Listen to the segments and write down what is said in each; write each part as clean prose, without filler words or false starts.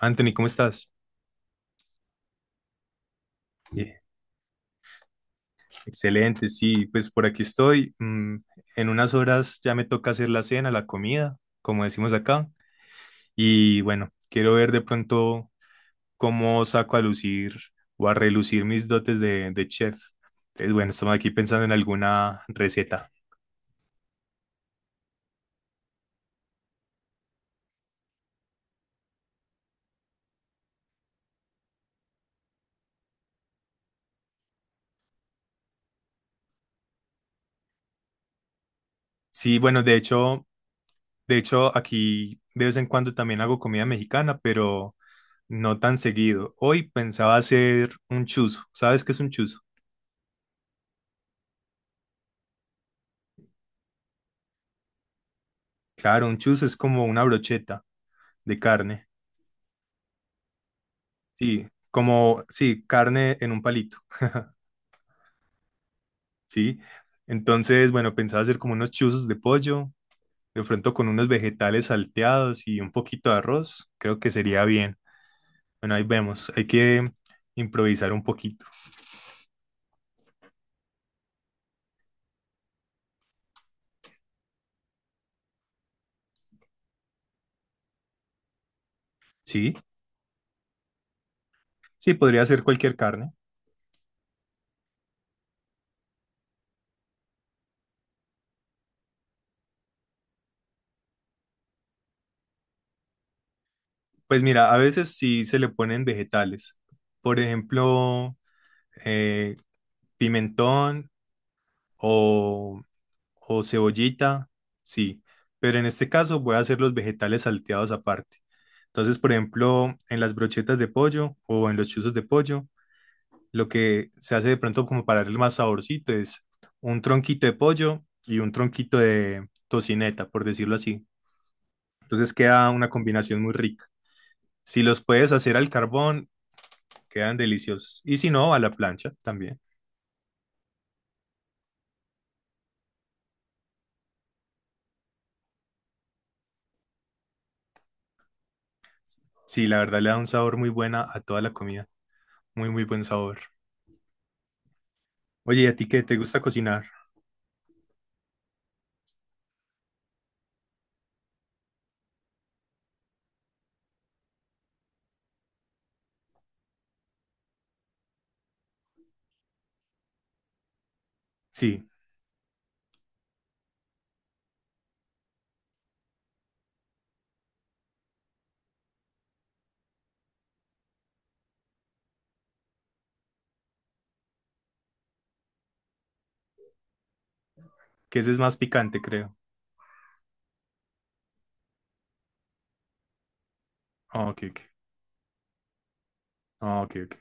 Anthony, ¿cómo estás? Bien. Excelente, sí, pues por aquí estoy. En unas horas ya me toca hacer la cena, la comida, como decimos acá. Y bueno, quiero ver de pronto cómo saco a lucir o a relucir mis dotes de chef. Entonces, bueno, estamos aquí pensando en alguna receta. Sí, bueno, de hecho, aquí de vez en cuando también hago comida mexicana, pero no tan seguido. Hoy pensaba hacer un chuzo. ¿Sabes qué es un chuzo? Claro, un chuzo es como una brocheta de carne, sí, como, sí, carne en un palito, sí. Entonces, bueno, pensaba hacer como unos chuzos de pollo, de pronto con unos vegetales salteados y un poquito de arroz, creo que sería bien. Bueno, ahí vemos, hay que improvisar un poquito, sí, sí, podría ser cualquier carne. Pues mira, a veces sí se le ponen vegetales, por ejemplo, eh, pimentón o, o cebollita, sí, pero en este caso voy a hacer los vegetales salteados aparte. Entonces, por ejemplo, en las brochetas de pollo o en los chuzos de pollo, lo que se hace de pronto como para darle más saborcito es un tronquito de pollo y un tronquito de tocineta, por decirlo así. Entonces queda una combinación muy rica. Si los puedes hacer al carbón, quedan deliciosos. Y si no, a la plancha también. Sí, la verdad le da un sabor muy buena a toda la comida. Muy, muy buen sabor. Oye, ¿y a ti qué te gusta cocinar? Sí, que ese es más picante, creo. Ah, ok, ok. Ah, ok, ok.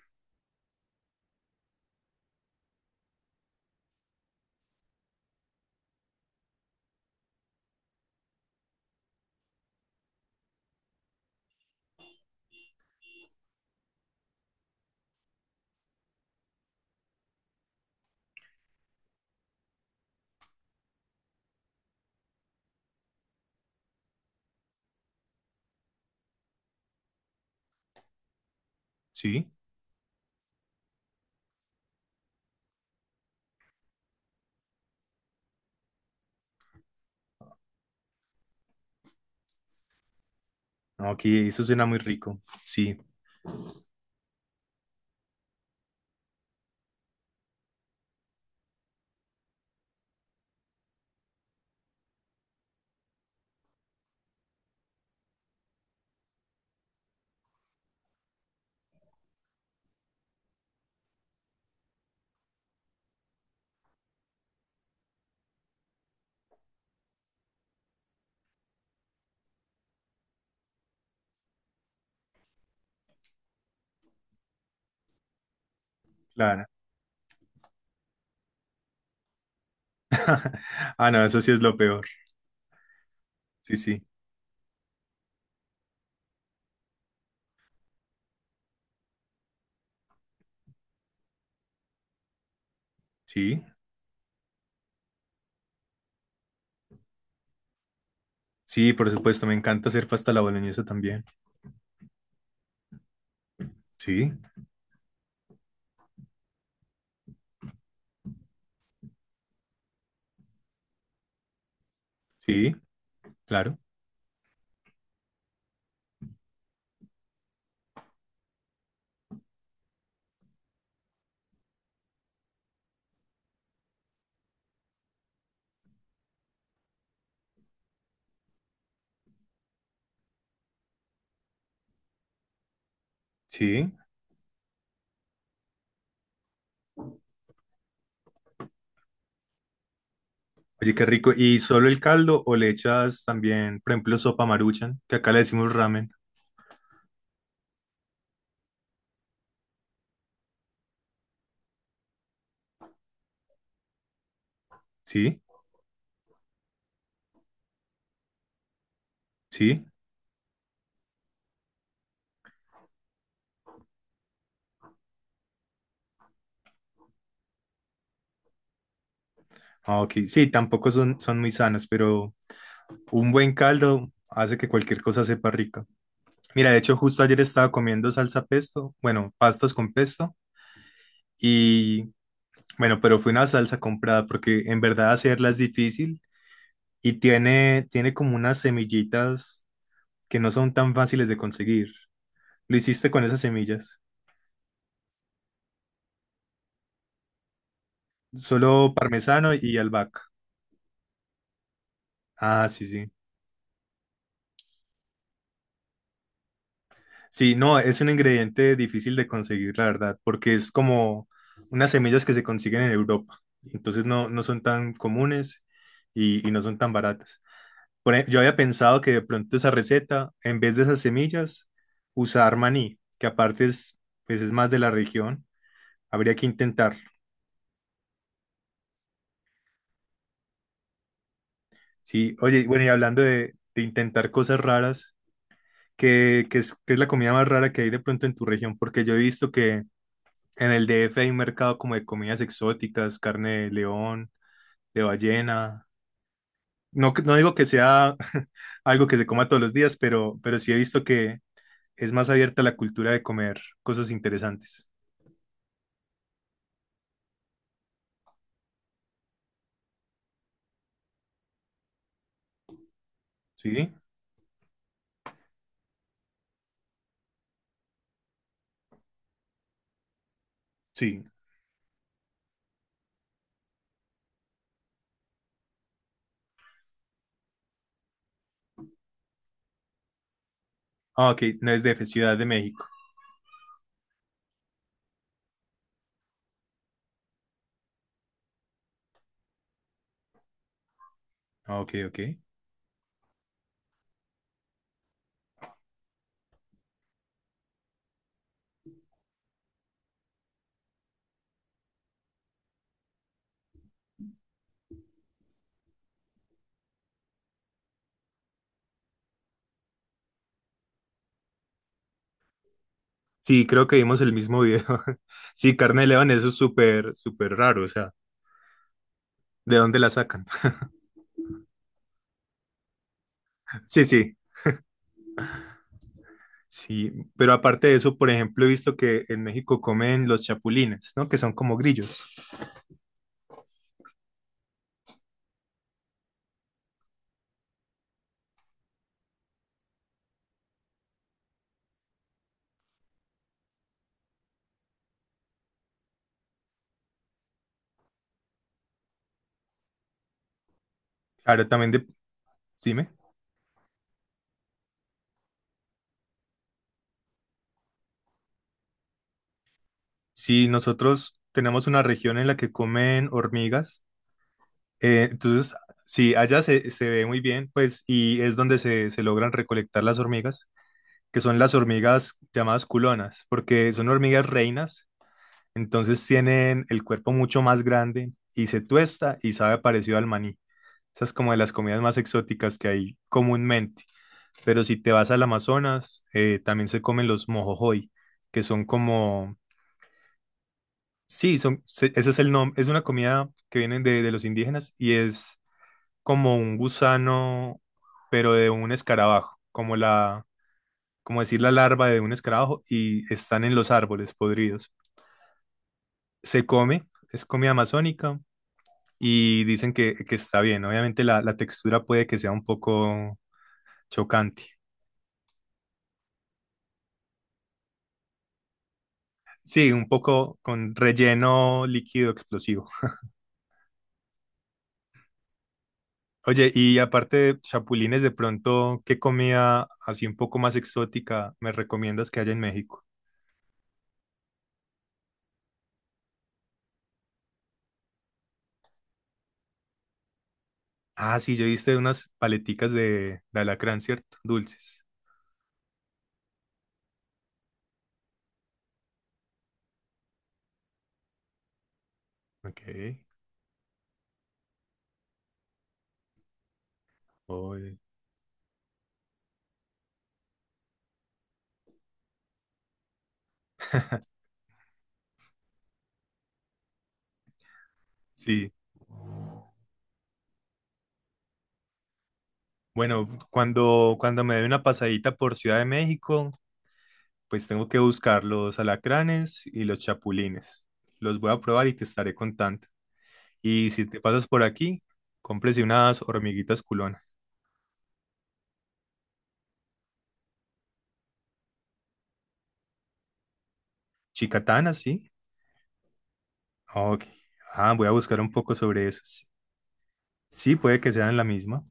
Sí. Ah, ok, eso suena muy rico. Sí, claro. Ah, no, eso sí es lo peor. Sí, sí. Sí. Sí, por supuesto, me encanta hacer pasta a la boloñesa también. Sí, sí, claro. Sí. Oye, qué rico. ¿Y solo el caldo o le echas también, por ejemplo, sopa maruchan, que acá le decimos ramen? Sí, sí. Ah, ok. Sí, tampoco son, son muy sanas, pero... Un buen caldo hace que cualquier cosa sepa rica. Mira, de hecho, justo ayer estaba comiendo salsa pesto, bueno, pastas con pesto, y bueno, pero fue una salsa comprada porque en verdad hacerla es difícil y tiene como unas semillitas que no son tan fáciles de conseguir. Lo hiciste con esas semillas, solo parmesano y albahaca. Ah, sí, sí. Sí, no, es un ingrediente difícil de conseguir, la verdad, porque es como unas semillas que se consiguen en Europa. Entonces no, no son tan comunes y no son tan baratas. Por ej- yo había pensado que de pronto esa receta, en vez de esas semillas, usar maní, que aparte es, pues es más de la región. Habría que intentarlo. Sí, oye, y bueno, y hablando de intentar cosas raras, ¿qué es la comida más rara que hay de pronto en tu región? Porque yo he visto que en el DF hay un mercado como de comidas exóticas, carne de león, de ballena. No, que- no digo que sea algo que se coma todos los días, pero sí he visto que es más abierta la cultura de comer cosas interesantes. ¿Sí? Sí. Ah, ok, no es DF, Ciudad de México. Ah, ok, ok. Sí, creo que vimos el mismo video. Sí, carne de león, eso es súper, súper raro. O sea, ¿de dónde la sacan? Sí, sí, sí. Pero aparte de eso, por ejemplo, he visto que en México comen los chapulines, ¿no? Que son como grillos. Ahora también de- dime, si nosotros tenemos una región en la que comen hormigas, entonces, sí, allá se, se ve muy bien, pues, y es donde se logran recolectar las hormigas, que son las hormigas llamadas culonas, porque son hormigas reinas, entonces tienen el cuerpo mucho más grande y se tuesta y sabe parecido al maní. Esa es como de las comidas más exóticas que hay comúnmente. Pero si te vas al Amazonas, también se comen los mojojoy, que son como... Sí, son, se- ese es el nombre, es una comida que viene de los indígenas y es como un gusano, pero de un escarabajo, como la, como decir la larva de un escarabajo y están en los árboles podridos. Se come, es comida amazónica y dicen que está bien. Obviamente la textura puede que sea un poco chocante. Sí, un poco con relleno líquido explosivo. Oye, y aparte de chapulines, de pronto, ¿qué comida así un poco más exótica me recomiendas que haya en México? Ah, sí, yo viste unas paleticas de alacrán, ¿cierto? Dulces. Ok. Oy. Sí. Bueno, cuando me dé una pasadita por Ciudad de México, pues tengo que buscar los alacranes y los chapulines. Los voy a probar y te estaré contando. Y si te pasas por aquí, cómprese unas hormiguitas culonas. Chicatanas, sí. Ok. Ah, voy a buscar un poco sobre eso. S- sí, puede que sean la misma.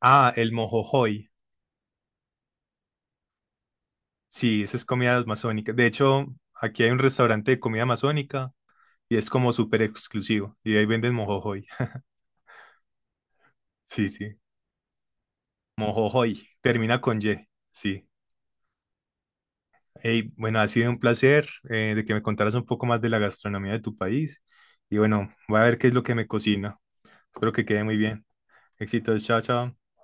Ah, el mojojoy. Sí, esa es comida amazónica. De hecho, aquí hay un restaurante de comida amazónica y es como súper exclusivo. Y ahí venden mojojoy. Sí, sí. Mojojoy. Termina con Y. Sí. Hey, bueno, ha sido un placer de que me contaras un poco más de la gastronomía de tu país. Y bueno, voy a ver qué es lo que me cocina. Espero que quede muy bien. Éxitos. Chao, chao.